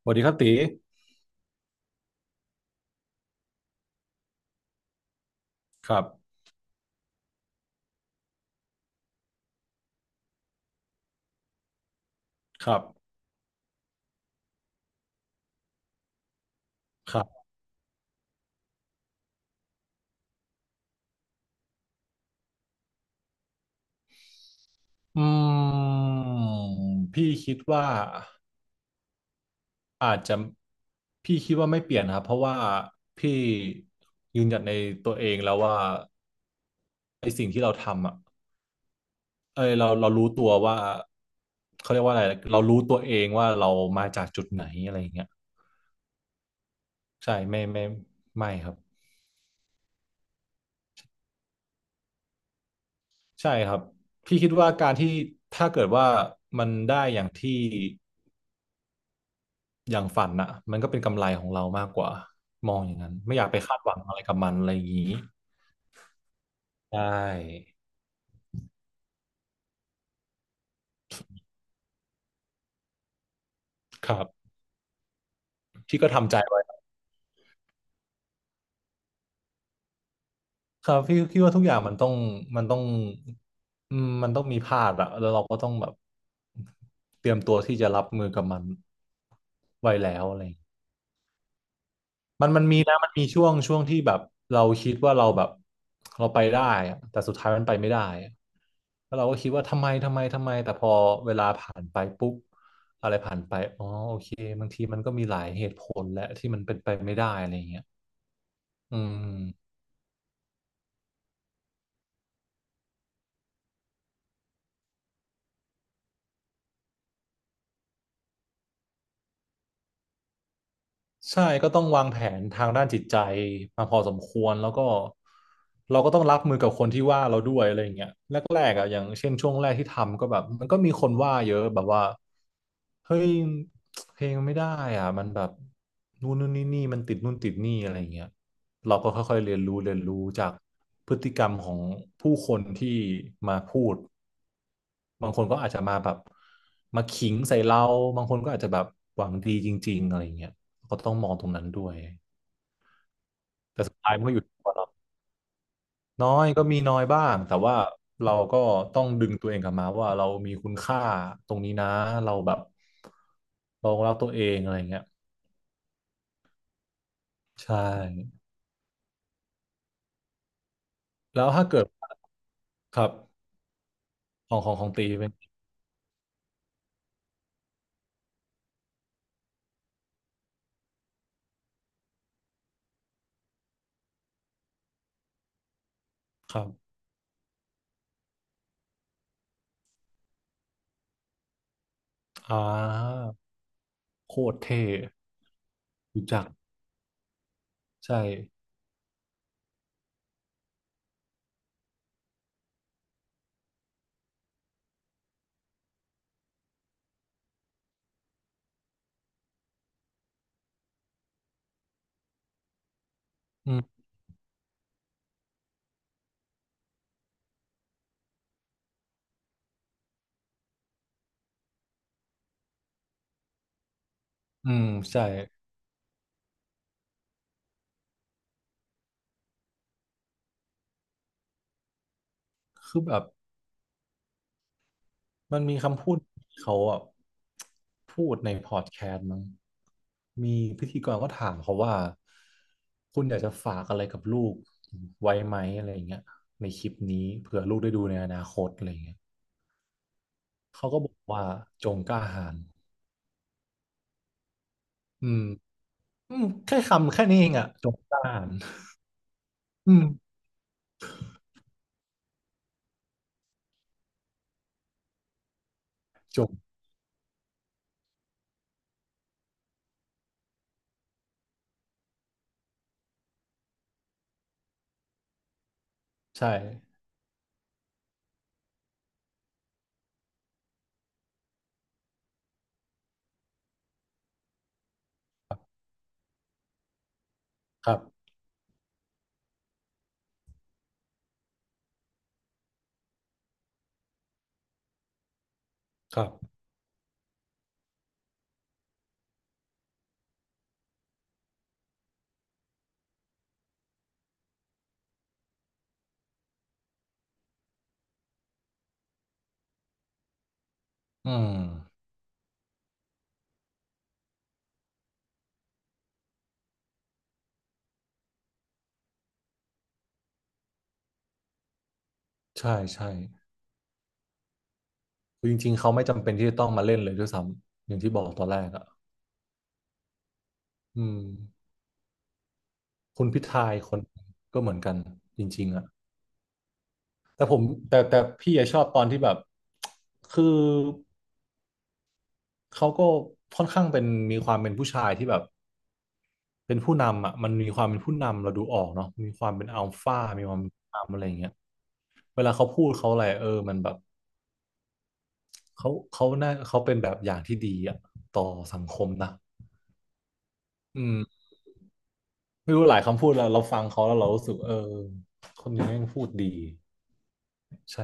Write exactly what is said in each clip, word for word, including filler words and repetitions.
สวัสดีครับตีครับครับครับอืมพี่คิดว่าอาจจะพี่คิดว่าไม่เปลี่ยนครับเพราะว่าพี่ยืนหยัดในตัวเองแล้วว่าไอ้สิ่งที่เราทำอ่ะเอ้ยเราเรารู้ตัวว่าเขาเรียกว่าอะไรเรารู้ตัวเองว่าเรามาจากจุดไหนอะไรอย่างเงี้ยใช่ไม่ไม่ไม่ครับใช่ครับพี่คิดว่าการที่ถ้าเกิดว่ามันได้อย่างที่ อย่างฝันน่ะมันก็เป็นกำไรของเรามากกว่ามองอย่างนั้นไม่อยากไปคาดหวังอะไรกับมันอะไรอย่างนี้ใช่ครับพี่ก็ทำใจไว้ครับพี่คิดว่าทุกอย่างมันต้องมันต้องอืมมันต้องมีพลาดอะแล้วเราก็ต้องแบบเตรียมตัวที่จะรับมือกับมันไว้แล้วอะไรอย่างเงี้ย มันมันมีนะมันมีช่วงช่วงที่แบบเราคิดว่าเราแบบเราไปได้อะแต่สุดท้ายมันไปไม่ได้อะแล้วเราก็คิดว่าทำไมทำไมทำไมแต่พอเวลาผ่านไปปุ๊บอะไรผ่านไปอ๋อโอเคบางทีมันก็มีหลายเหตุผลแหละที่มันเป็นไปไม่ได้อะไรอย่างเงี้ยอืม ใช่ก็ต้องวางแผนทางด้านจิตใจมาพอสมควรแล้วก็เราก็ต้องรับมือกับคนที่ว่าเราด้วยอะไรอย่างเงี้ยแรกๆอ่ะอย่างเช่นช่วงแรกที่ทำก็แบบมันก็มีคนว่าเยอะแบบว่าเฮ้ยเพลงไม่ได้อ่ะมันแบบนู่นนู่นนี่นี่มันติดนู่นติดนี่อะไรอย่างเงี้ยเราก็ค่อยๆเรียนรู้เรียนรู้จากพฤติกรรมของผู้คนที่มาพูด บางคนก็อาจจะมาแบบมาขิงใส่เราบางคนก็อาจจะแบบหวังดีจริงๆอะไรอย่างเงี้ยก็ต้องมองตรงนั้นด้วยแต่สุดท้ายมันก็อยู่ที่ตัวเราน้อยก็มีน้อยบ้างแต่ว่าเราก็ต้องดึงตัวเองกลับมาว่าเรามีคุณค่าตรงนี้นะเราแบบเรารักตัวเองอะไรอย่างเงี้ยใช่แล้วถ้าเกิดครับของของของตีเป็นครับอ่าโคตรเท่รู้จักใช่อืมอืมใช่คือแบบ มันมีคำพูดที่เขาอ่ะพูดในพอดแคสต์มั้งมีพิธีกรก็ถามเขาว่าคุณอยากจะฝากอะไรกับลูกไว้ไหมอะไรอย่างเงี้ยในคลิปนี้เผื่อลูกได้ดูในอนาคตอะไรอย่างเงี้ยเขาก็บอกว่าจงกล้าหาญอืมอืมแค่คำแค่นี้เองอ่ะจงกล้าหาญอืมจงใช่ครับครับอืมใช่ใช่คือจริงๆเขาไม่จำเป็นที่จะต้องมาเล่นเลยด้วยซ้ำอย่างที่บอกตอนแรกอ่ะอืม คุณพิธายคนก็เหมือนกันจริงๆอะแต่ผมแต่แต่พี่อะชอบตอนที่แบบคือเขาก็ค่อนข้างเป็นมีความเป็นผู้ชายที่แบบเป็นผู้นำอะมันมีความเป็นผู้นำเราดูออกเนาะมีความเป็นอัลฟามีความเป็นผู้นำอะไรอย่างเงี้ยเวลาเขาพูดเขาอะไรเออมันแบบเขาเขาน่าเขาเป็นแบบอย่างที่ดีอะต่อสังคมนะอืมไม่รู้หลายคำพูดเราเราฟังเขาแล้วเรารู้สึกเออคนนี้แม่งพูดดีใช่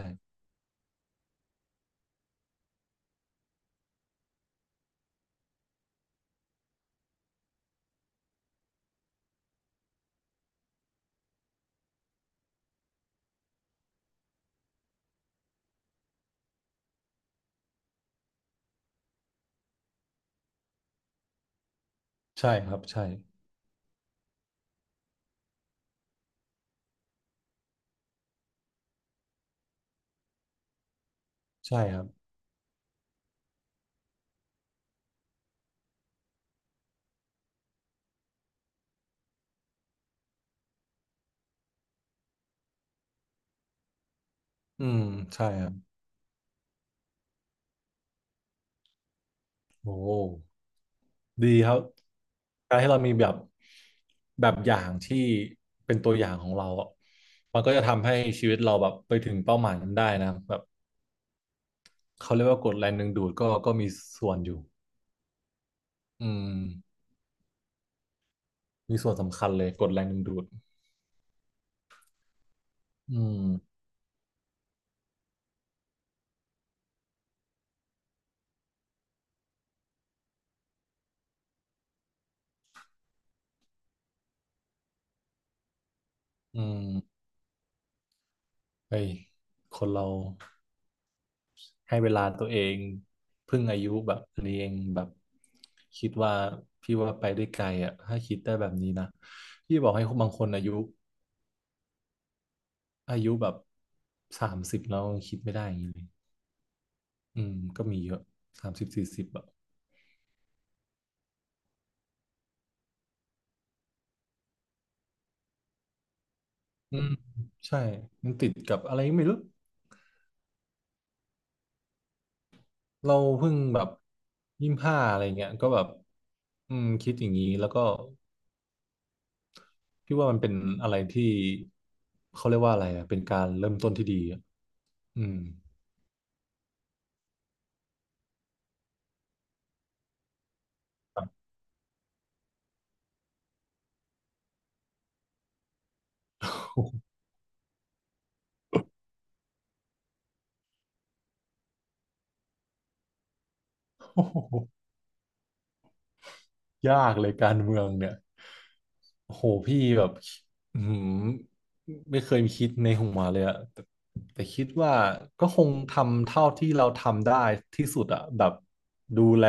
ใช่ครับใช่ใช่ครับ อืมใช่ครับโอ้ดีครับการให้เรามีแบบแบบอย่างที่เป็นตัวอย่างของเราอะมันก็จะทำให้ชีวิตเราแบบไปถึงเป้าหมายนั้นได้นะแบบเขาเรียกว่ากฎแรงดึงดูดก็ก็มีส่วนอยู่อืมมีส่วนสำคัญเลยกฎแรงดึงดูดอืมอืมเฮ้ยคนเราให้เวลาตัวเองเพิ่งอายุแบบนี้เองแบบคิดว่าพี่ว่าไปได้ไกลอ่ะถ้าคิดได้แบบนี้นะพี่บอกให้บางคนอายุ อายุแบบสามสิบแล้วคิดไม่ได้อย่างนี้เลยอืมก็มีเยอะสามสิบสี่สิบอะอืมใช่ มันติดกับอะไรก็ไม่รู้เราเพิ่งแบบยี่สิบห้าอะไรเงี้ยก็แบบอืมคิดอย่างนี้แล้วก็พี่ว่ามันเป็นอะไรที่เขาเรียกว่าอะไรอะเป็นการเริ่มต้นที่ดีอะอืม ยากเลยการเมืองเนี่ยโอ้โหพี่แบบอืมไม่เคยคิดในหัวเลยอะแต่แต่คิดว่าก็คงทำเท่าที่เราทำได้ที่สุดอะแบบดูแล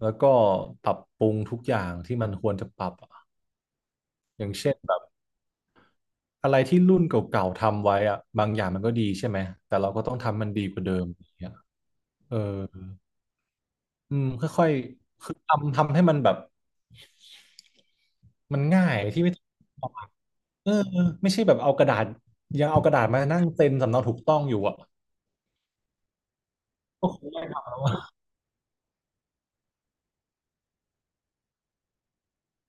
แล้วก็ปรับปรุงทุกอย่างที่มันควรจะปรับอะอย่างเช่นแบบอะไรที่รุ่นเก่าๆทำไว้อะบางอย่างมันก็ดีใช่ไหมแต่เราก็ต้องทำมันดีกว่าเดิมอย่างเงี้ยเอออืมค่อยๆคือทำทำให้มันแบบมันง่ายที่ไม่ต้อง เออเออไม่ใช่แบบเอากระดาษยังเอากระดาษมานั่งเซ็นสำเนาถูกต้องอยู่อ่ะก็คงไม่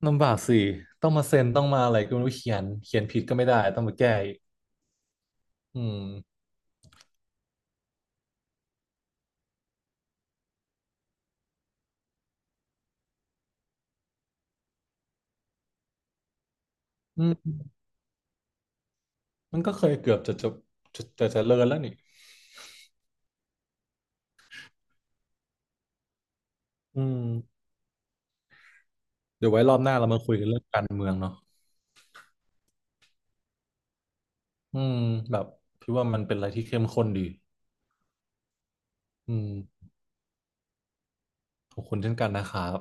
ลำบากสิต้องมาเซ็นต้องมาอะไรก็ไม่รู้เขียนเขียนผิดก็ไม่ได้ต้องมาแก้อีกอืมอืมมันก็เคยเกือบจะจะจะจะจะเลินแล้วนี่อืมเดี๋ยวไว้รอบหน้าเรามาคุยกันเรื่องการเมืองเนาะอืมแบบพี่ว่ามันเป็นอะไรที่เข้มข้นดีอืมขอบคุณเช่นกันนะครับ